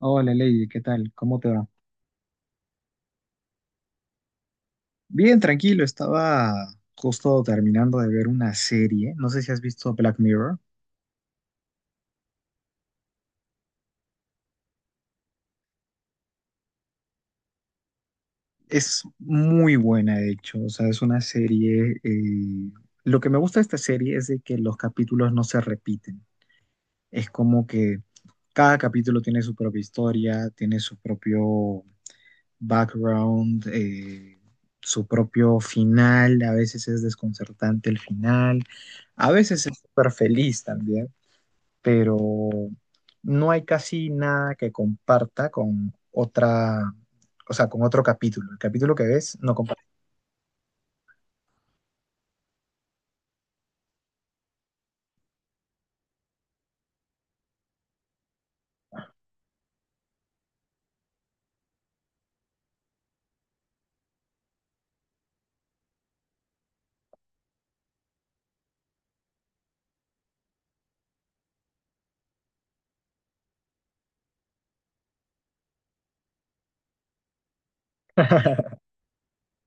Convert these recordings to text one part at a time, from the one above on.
Hola Lady, ¿qué tal? ¿Cómo te va? Bien, tranquilo, estaba justo terminando de ver una serie, no sé si has visto Black Mirror. Es muy buena, de hecho. O sea, es una serie, lo que me gusta de esta serie es de que los capítulos no se repiten. Es como que cada capítulo tiene su propia historia, tiene su propio background, su propio final. A veces es desconcertante el final, a veces es súper feliz también. Pero no hay casi nada que comparta con otra, o sea, con otro capítulo. El capítulo que ves no comparte.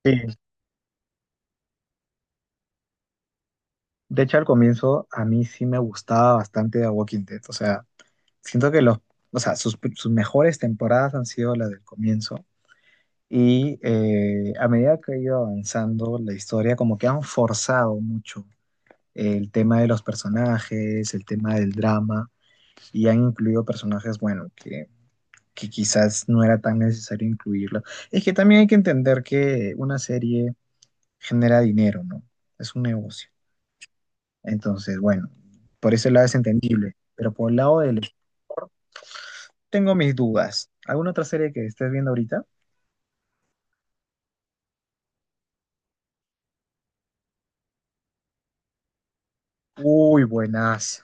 Sí. De hecho, al comienzo a mí sí me gustaba bastante The Walking Dead. O sea, siento que los, o sea, sus mejores temporadas han sido las del comienzo. Y a medida que ha ido avanzando la historia, como que han forzado mucho el tema de los personajes, el tema del drama, y han incluido personajes, bueno, que quizás no era tan necesario incluirlo. Es que también hay que entender que una serie genera dinero, ¿no? Es un negocio. Entonces, bueno, por ese lado es entendible, pero por el lado. Tengo mis dudas. ¿Alguna otra serie que estés viendo ahorita? Uy, buenas.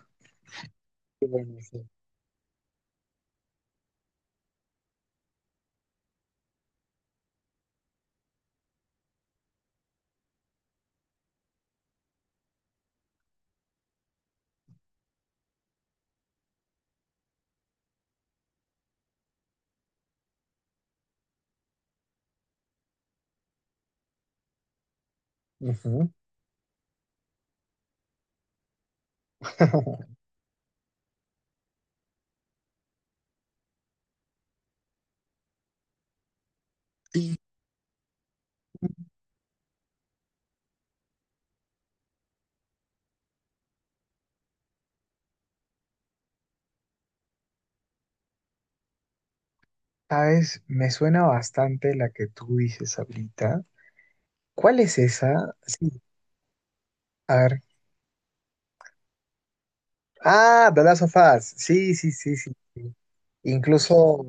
Ujú. Sí, sabes, me suena bastante la que tú dices ahorita. ¿Cuál es esa? Sí, a ver. Ah, The Last of Us. Sí, sí, sí, sí. Incluso,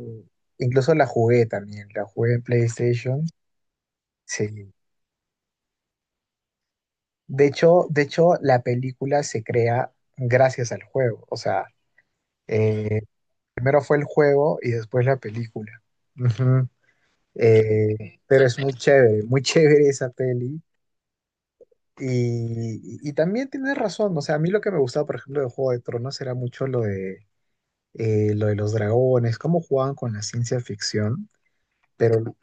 incluso la jugué también, la jugué en PlayStation. Sí. De hecho, la película se crea gracias al juego. O sea, eh, primero fue el juego y después la película. Ujú. Pero es muy chévere esa peli. Y también tienes razón. O sea, a mí lo que me gustaba, por ejemplo, de Juego de Tronos era mucho lo de los dragones, cómo jugaban con la ciencia ficción, pero lo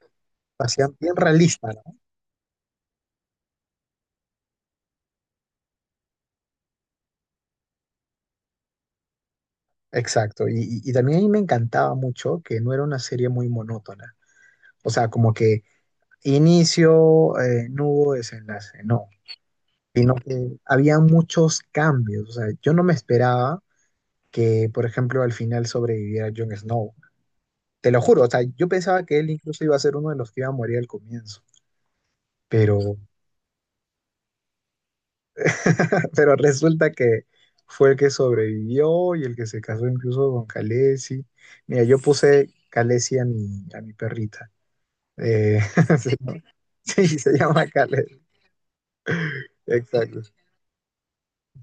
hacían bien realista. Exacto, y también ahí me encantaba mucho que no era una serie muy monótona. O sea, como que inicio, no hubo desenlace, no, sino que había muchos cambios. O sea, yo no me esperaba que, por ejemplo, al final sobreviviera Jon Snow, te lo juro. O sea, yo pensaba que él incluso iba a ser uno de los que iba a morir al comienzo, pero, pero resulta que fue el que sobrevivió y el que se casó incluso con Khaleesi. Mira, yo puse Khaleesi a mi perrita. Eh, se llama- sí, se llama Khaled. Exacto.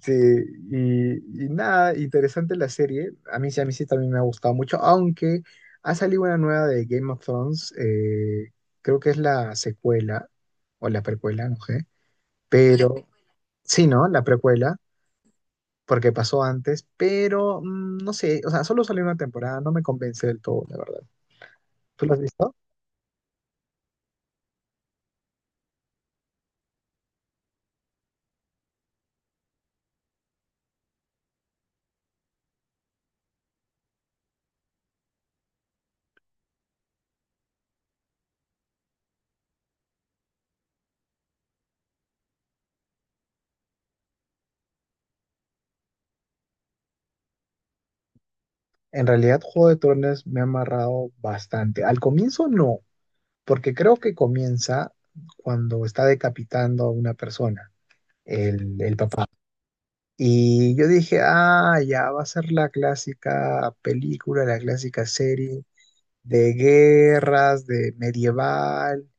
Sí, y nada, interesante la serie. A mí sí también me ha gustado mucho, aunque ha salido una nueva de Game of Thrones, creo que es la secuela o la precuela, no sé. Pero sí, ¿no? La precuela, porque pasó antes, pero no sé, o sea, solo salió una temporada, no me convence del todo, la verdad. ¿Tú lo has visto? En realidad, Juego de Tronos me ha amarrado bastante. Al comienzo no, porque creo que comienza cuando está decapitando a una persona, el papá. Y yo dije, ah, ya va a ser la clásica película, la clásica serie de guerras, de medieval.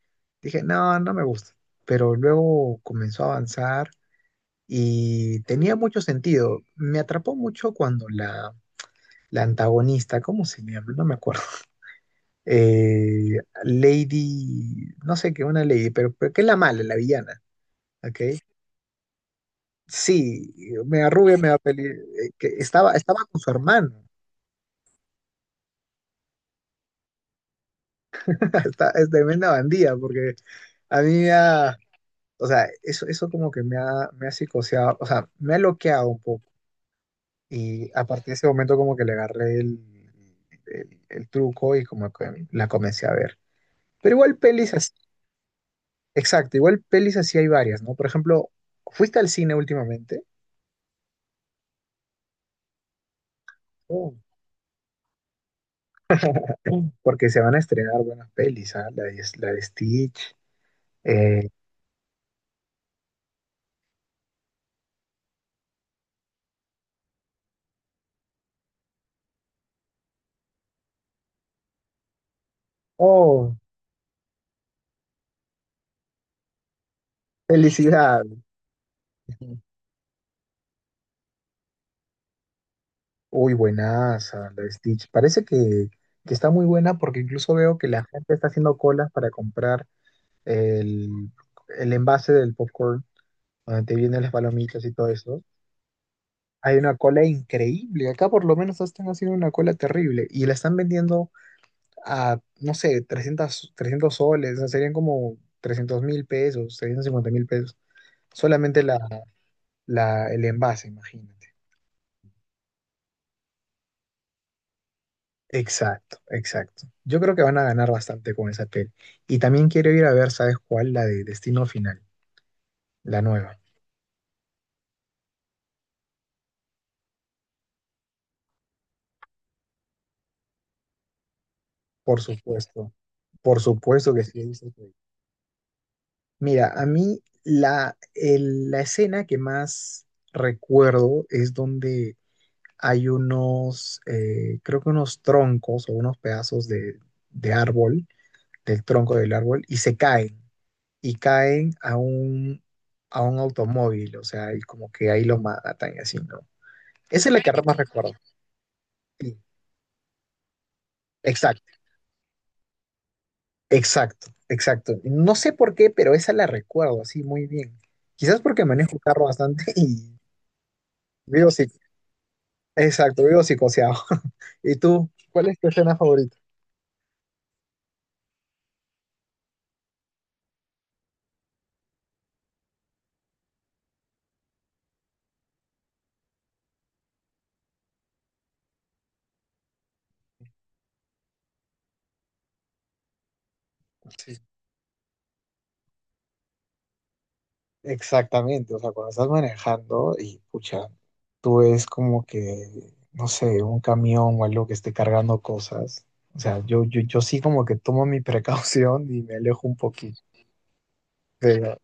Dije, no, no me gusta. Pero luego comenzó a avanzar y tenía mucho sentido. Me atrapó mucho cuando la antagonista, ¿cómo se llama? No me acuerdo. eh, Lady, no sé qué, una Lady, pero, que es la mala, la villana, ¿ok? Sí, me arrugué, me apelé, que estaba con su hermano, es tremenda bandida, porque a mí me ha, o sea, eso como que me ha psicoseado, o sea, me ha bloqueado un poco, y a partir de ese momento como que le agarré el truco y como que la comencé a ver. Pero igual pelis así, exacto, igual pelis así hay varias, ¿no? Por ejemplo, ¿fuiste al cine últimamente? Mm. Porque se van a estrenar buenas pelis, ¿ah? La de Stitch. eh, oh, felicidad. Uy, buenaza, la de Stitch. Parece que está muy buena porque incluso veo que la gente está haciendo colas para comprar el, el envase del popcorn, donde te vienen las palomitas y todo eso. Hay una cola increíble. Acá por lo menos están haciendo una cola terrible y la están vendiendo a, no sé, 300, 300 soles, o sea, serían como 300.000 pesos, 350.000 pesos, solamente el envase, imagínate. Exacto, exacto. Yo creo que van a ganar bastante con esa peli. Y también quiero ir a ver, ¿sabes cuál? La de Destino Final, la nueva. Por supuesto, por supuesto que sí. Mira, a mí la escena que más recuerdo es donde hay unos, creo que unos troncos o unos pedazos de árbol, del tronco del árbol, y se caen, y caen a un automóvil, o sea, y como que ahí lo matan y así, ¿no? Esa es la que más recuerdo. Sí, exacto, exacto, exacto. No sé por qué, pero esa la recuerdo así muy bien. Quizás porque manejo el carro bastante y vivo, psi- exacto, vivo psicoseado. ¿Y tú, cuál es tu escena favorita? Exactamente, o sea, cuando estás manejando y pucha, tú ves como que, no sé, un camión o algo que esté cargando cosas. O sea, yo sí como que tomo mi precaución y me alejo un poquito. Pero,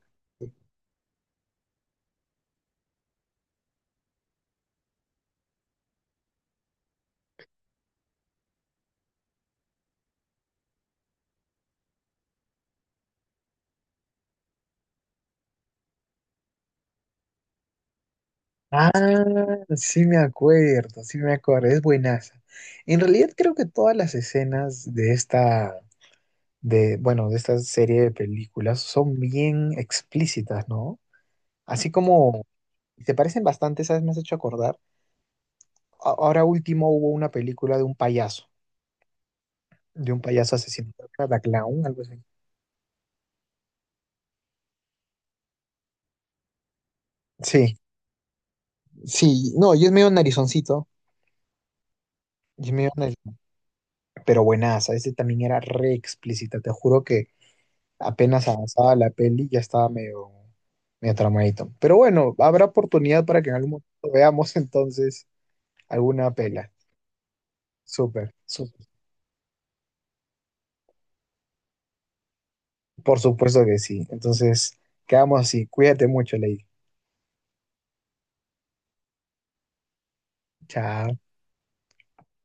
ah, sí me acuerdo, es buenaza. En realidad creo que todas las escenas de esta, de, bueno, de esta serie de películas son bien explícitas, ¿no? Así como se parecen bastante, ¿sabes? Me has hecho acordar. Ahora último hubo una película de un payaso, asesino, creo que era The Clown, algo así. Sí, sí, no, yo es medio narizoncito, yo es medio narizón, pero buenaza, ese también era re explícita, te juro que apenas avanzaba la peli ya estaba medio, medio tramadito. Pero bueno, habrá oportunidad para que en algún momento veamos entonces alguna pela. Súper, súper. Por supuesto que sí. Entonces, quedamos así. Cuídate mucho, Lady. Chao.